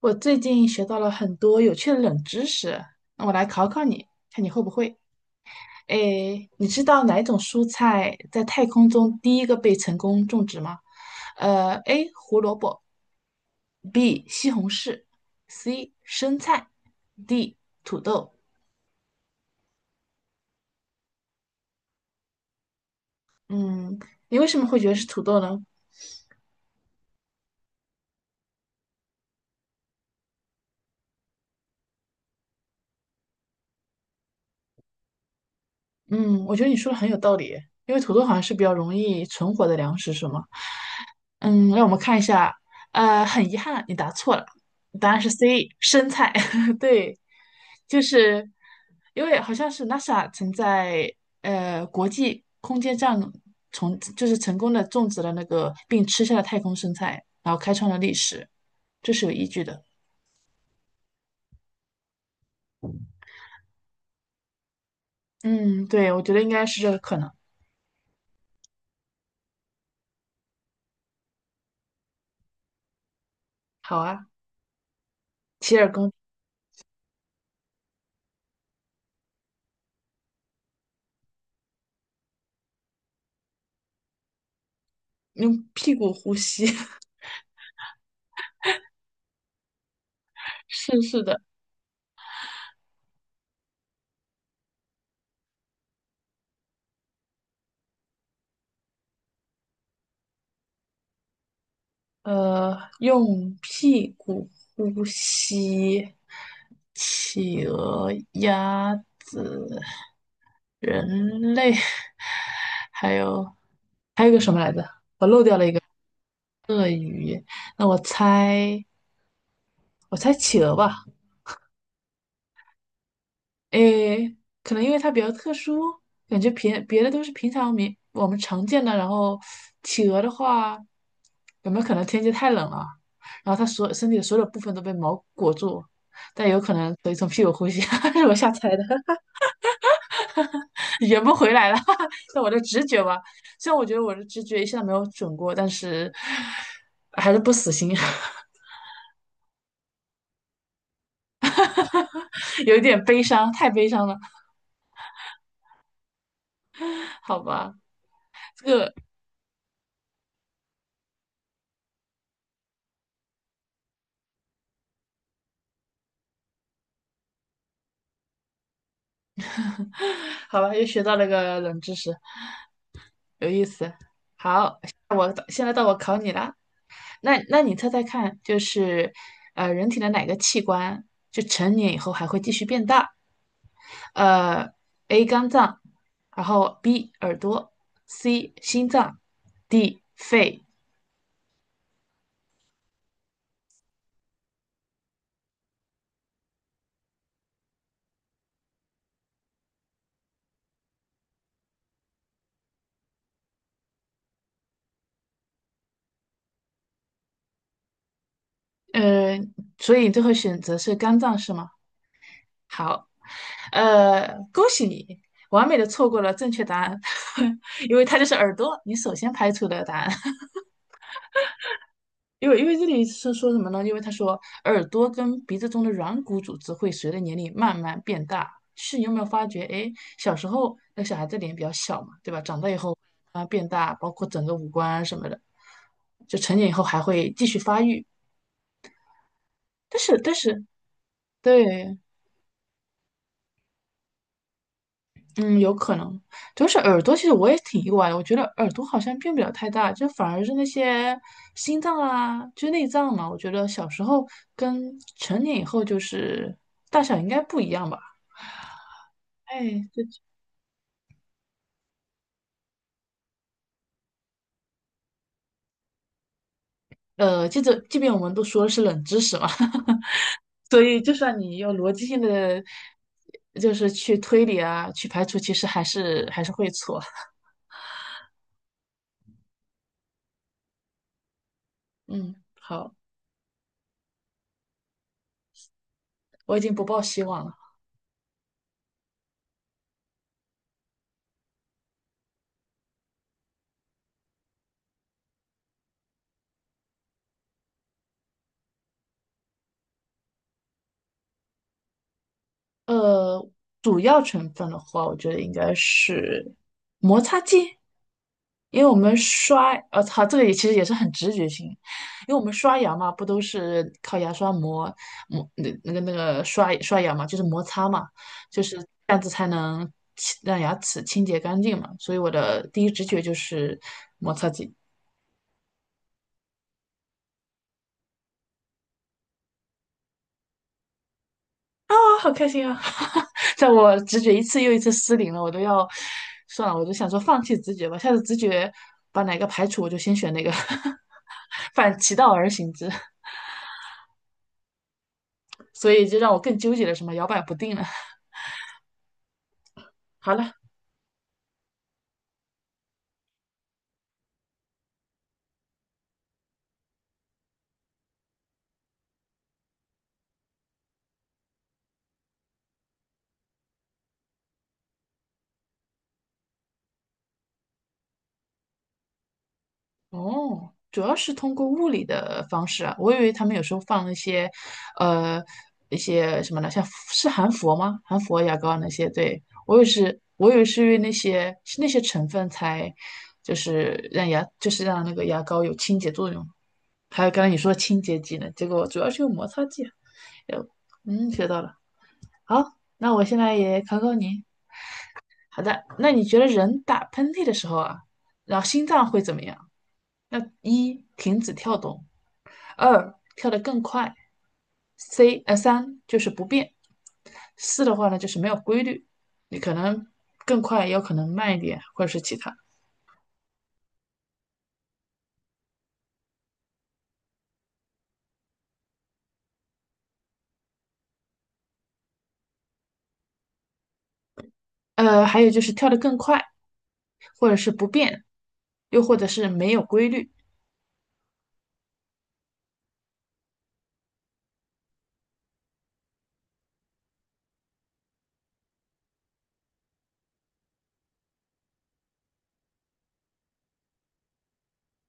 我最近学到了很多有趣的冷知识，那我来考考你，看你会不会。诶，你知道哪一种蔬菜在太空中第一个被成功种植吗？A. 胡萝卜，B. 西红柿，C. 生菜，D. 土豆。嗯，你为什么会觉得是土豆呢？嗯，我觉得你说的很有道理，因为土豆好像是比较容易存活的粮食，是吗？嗯，让我们看一下，很遗憾，你答错了，答案是 C，生菜。对，就是因为好像是 NASA 曾在国际空间站从就是成功的种植了那个并吃下了太空生菜，然后开创了历史，这是有依据的。嗯，对，我觉得应该是这个可能。好啊，洗耳恭听用屁股呼吸。是的，用屁股呼吸，企鹅、鸭子、人类，还有还有个什么来着？鳄鱼。那我猜企鹅吧。诶，可能因为它比较特殊，感觉平别的都是平常民我们常见的。然后企鹅的话，有没有可能天气太冷了，然后它所身体的所有部分都被毛裹住？但有可能可以从屁股呼吸，是我瞎猜的，圆不回来了。那我的直觉吧，虽然我觉得我的直觉一向没有准过，但是还是不死心，有一点悲伤，太悲伤了，好吧，好吧，又学到了一个冷知识。有意思。好，我现在到我考你了。那你猜猜看，就是人体的哪个器官就成年以后还会继续变大？呃，A 肝脏，然后 B 耳朵，C 心脏，D 肺。呃，所以最后选择是肝脏是吗？好，恭喜你，完美的错过了正确答案，因为它就是耳朵，你首先排除的答案。因为这里是说什么呢？因为他说耳朵跟鼻子中的软骨组织会随着年龄慢慢变大。是你有没有发觉？哎，小时候那小孩子脸比较小嘛，对吧？长大以后啊变大，包括整个五官啊什么的，就成年以后还会继续发育。但是对嗯，有可能，主要是耳朵，其实我也挺意外的。我觉得耳朵好像变不了太大，就反而是那些心脏啊，就内脏嘛。我觉得小时候跟成年以后就是大小应该不一样吧。哎，这记着，即便我们都说的是冷知识嘛，所以就算你有逻辑性的，就是去推理啊，去排除，其实还是会错。嗯，好，我已经不抱希望了。呃，主要成分的话，我觉得应该是摩擦剂，因为我们刷，它这个也其实也是很直觉性，因为我们刷牙嘛，不都是靠牙刷磨那个刷刷牙嘛，就是摩擦嘛，就是这样子才能清让牙齿清洁干净嘛，所以我的第一直觉就是摩擦剂。好开心啊！在我直觉一次又一次失灵了，我都要算了，我都想说放弃直觉吧，下次直觉把哪个排除，我就先选哪个，反其道而行之，所以就让我更纠结了，什么摇摆不定了。好了，哦，主要是通过物理的方式啊，我以为他们有时候放那些，呃，一些什么呢，像是含氟吗？含氟牙膏啊那些，对，我以为是因为那些是那些成分才，就是让牙，就是让那个牙膏有清洁作用。还有刚才你说的清洁剂呢，结果主要是用摩擦剂啊。有，嗯，学到了。好，那我现在也考考你。好的，那你觉得人打喷嚏的时候啊，然后心脏会怎么样？那一停止跳动。二跳得更快，三就是不变，四的话呢就是没有规律，你可能更快，也有可能慢一点，或者是其他。还有就是跳得更快，或者是不变，又或者是没有规律。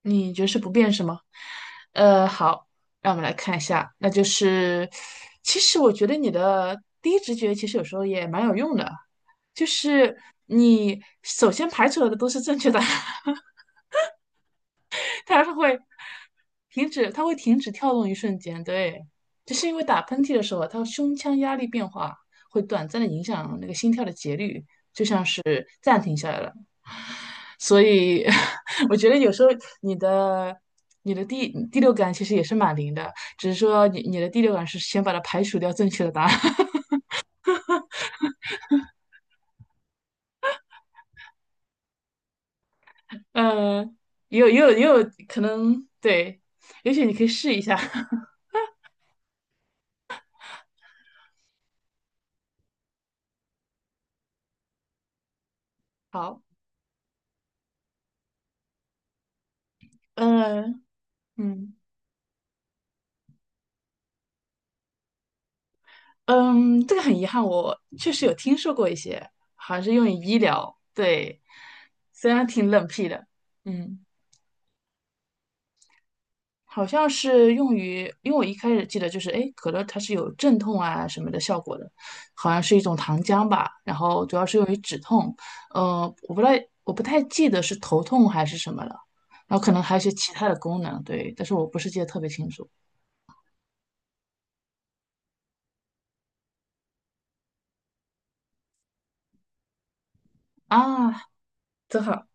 你觉得是不变是吗？好，让我们来看一下，那就是其实我觉得你的第一直觉其实有时候也蛮有用的，就是你首先排除了的都是正确答案。它是会它会停止跳动一瞬间，对，就是因为打喷嚏的时候，它胸腔压力变化会短暂的影响那个心跳的节律，是暂停下来了。所以 我觉得有时候你的你的第六感其实也是蛮灵的，只是说你的第六感是先把它排除掉正确的答案。呃，也有可能对，也许你可以试一下。好，嗯嗯。嗯，这个很遗憾，我确实有听说过一些，好像是用于医疗，对，虽然挺冷僻的，嗯，好像是用于，因为我一开始记得就是，哎，可乐它是有镇痛啊什么的效果的，好像是一种糖浆吧，然后主要是用于止痛，呃，我不太我不太记得是头痛还是什么了，然后可能还有一些其他的功能，对，但是我不是记得特别清楚啊，真好。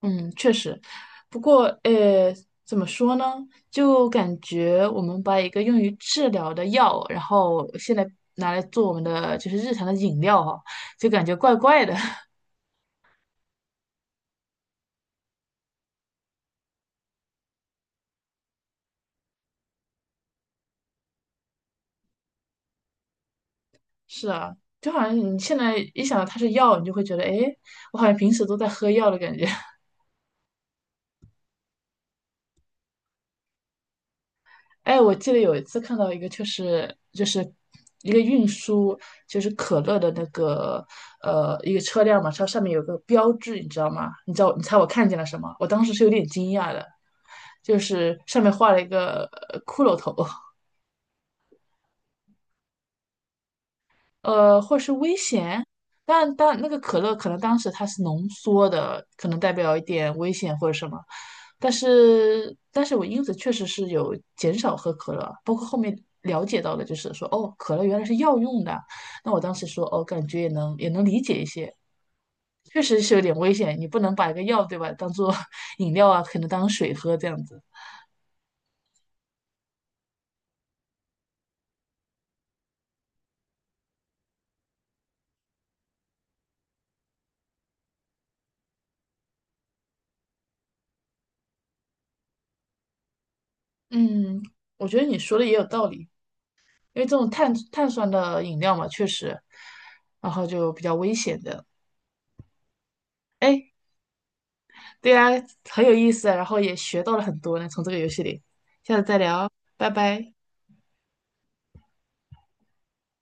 嗯，确实，不过，怎么说呢？就感觉我们把一个用于治疗的药，然后现在拿来做我们的就是日常的饮料哈，就感觉怪怪的。是啊，就好像你现在一想到它是药，你就会觉得，哎，我好像平时都在喝药的感觉。哎，我记得有一次看到一个，就是一个运输，就是可乐的那个一个车辆嘛，它上面有个标志，你知道吗？你知道你猜我看见了什么？我当时是有点惊讶的，就是上面画了一个骷髅头。或是危险。但那个可乐可能当时它是浓缩的，可能代表一点危险或者什么。但是我因此确实是有减少喝可乐，包括后面了解到的，就是说哦，可乐原来是药用的。那我当时说哦，感觉也能理解一些，确实是有点危险，你不能把一个药对吧当做 饮料啊，可能当水喝这样子。嗯，我觉得你说的也有道理。因为这种碳酸的饮料嘛，确实，然后就比较危险的。哎，对啊，很有意思啊，然后也学到了很多呢，从这个游戏里。下次再聊，拜拜。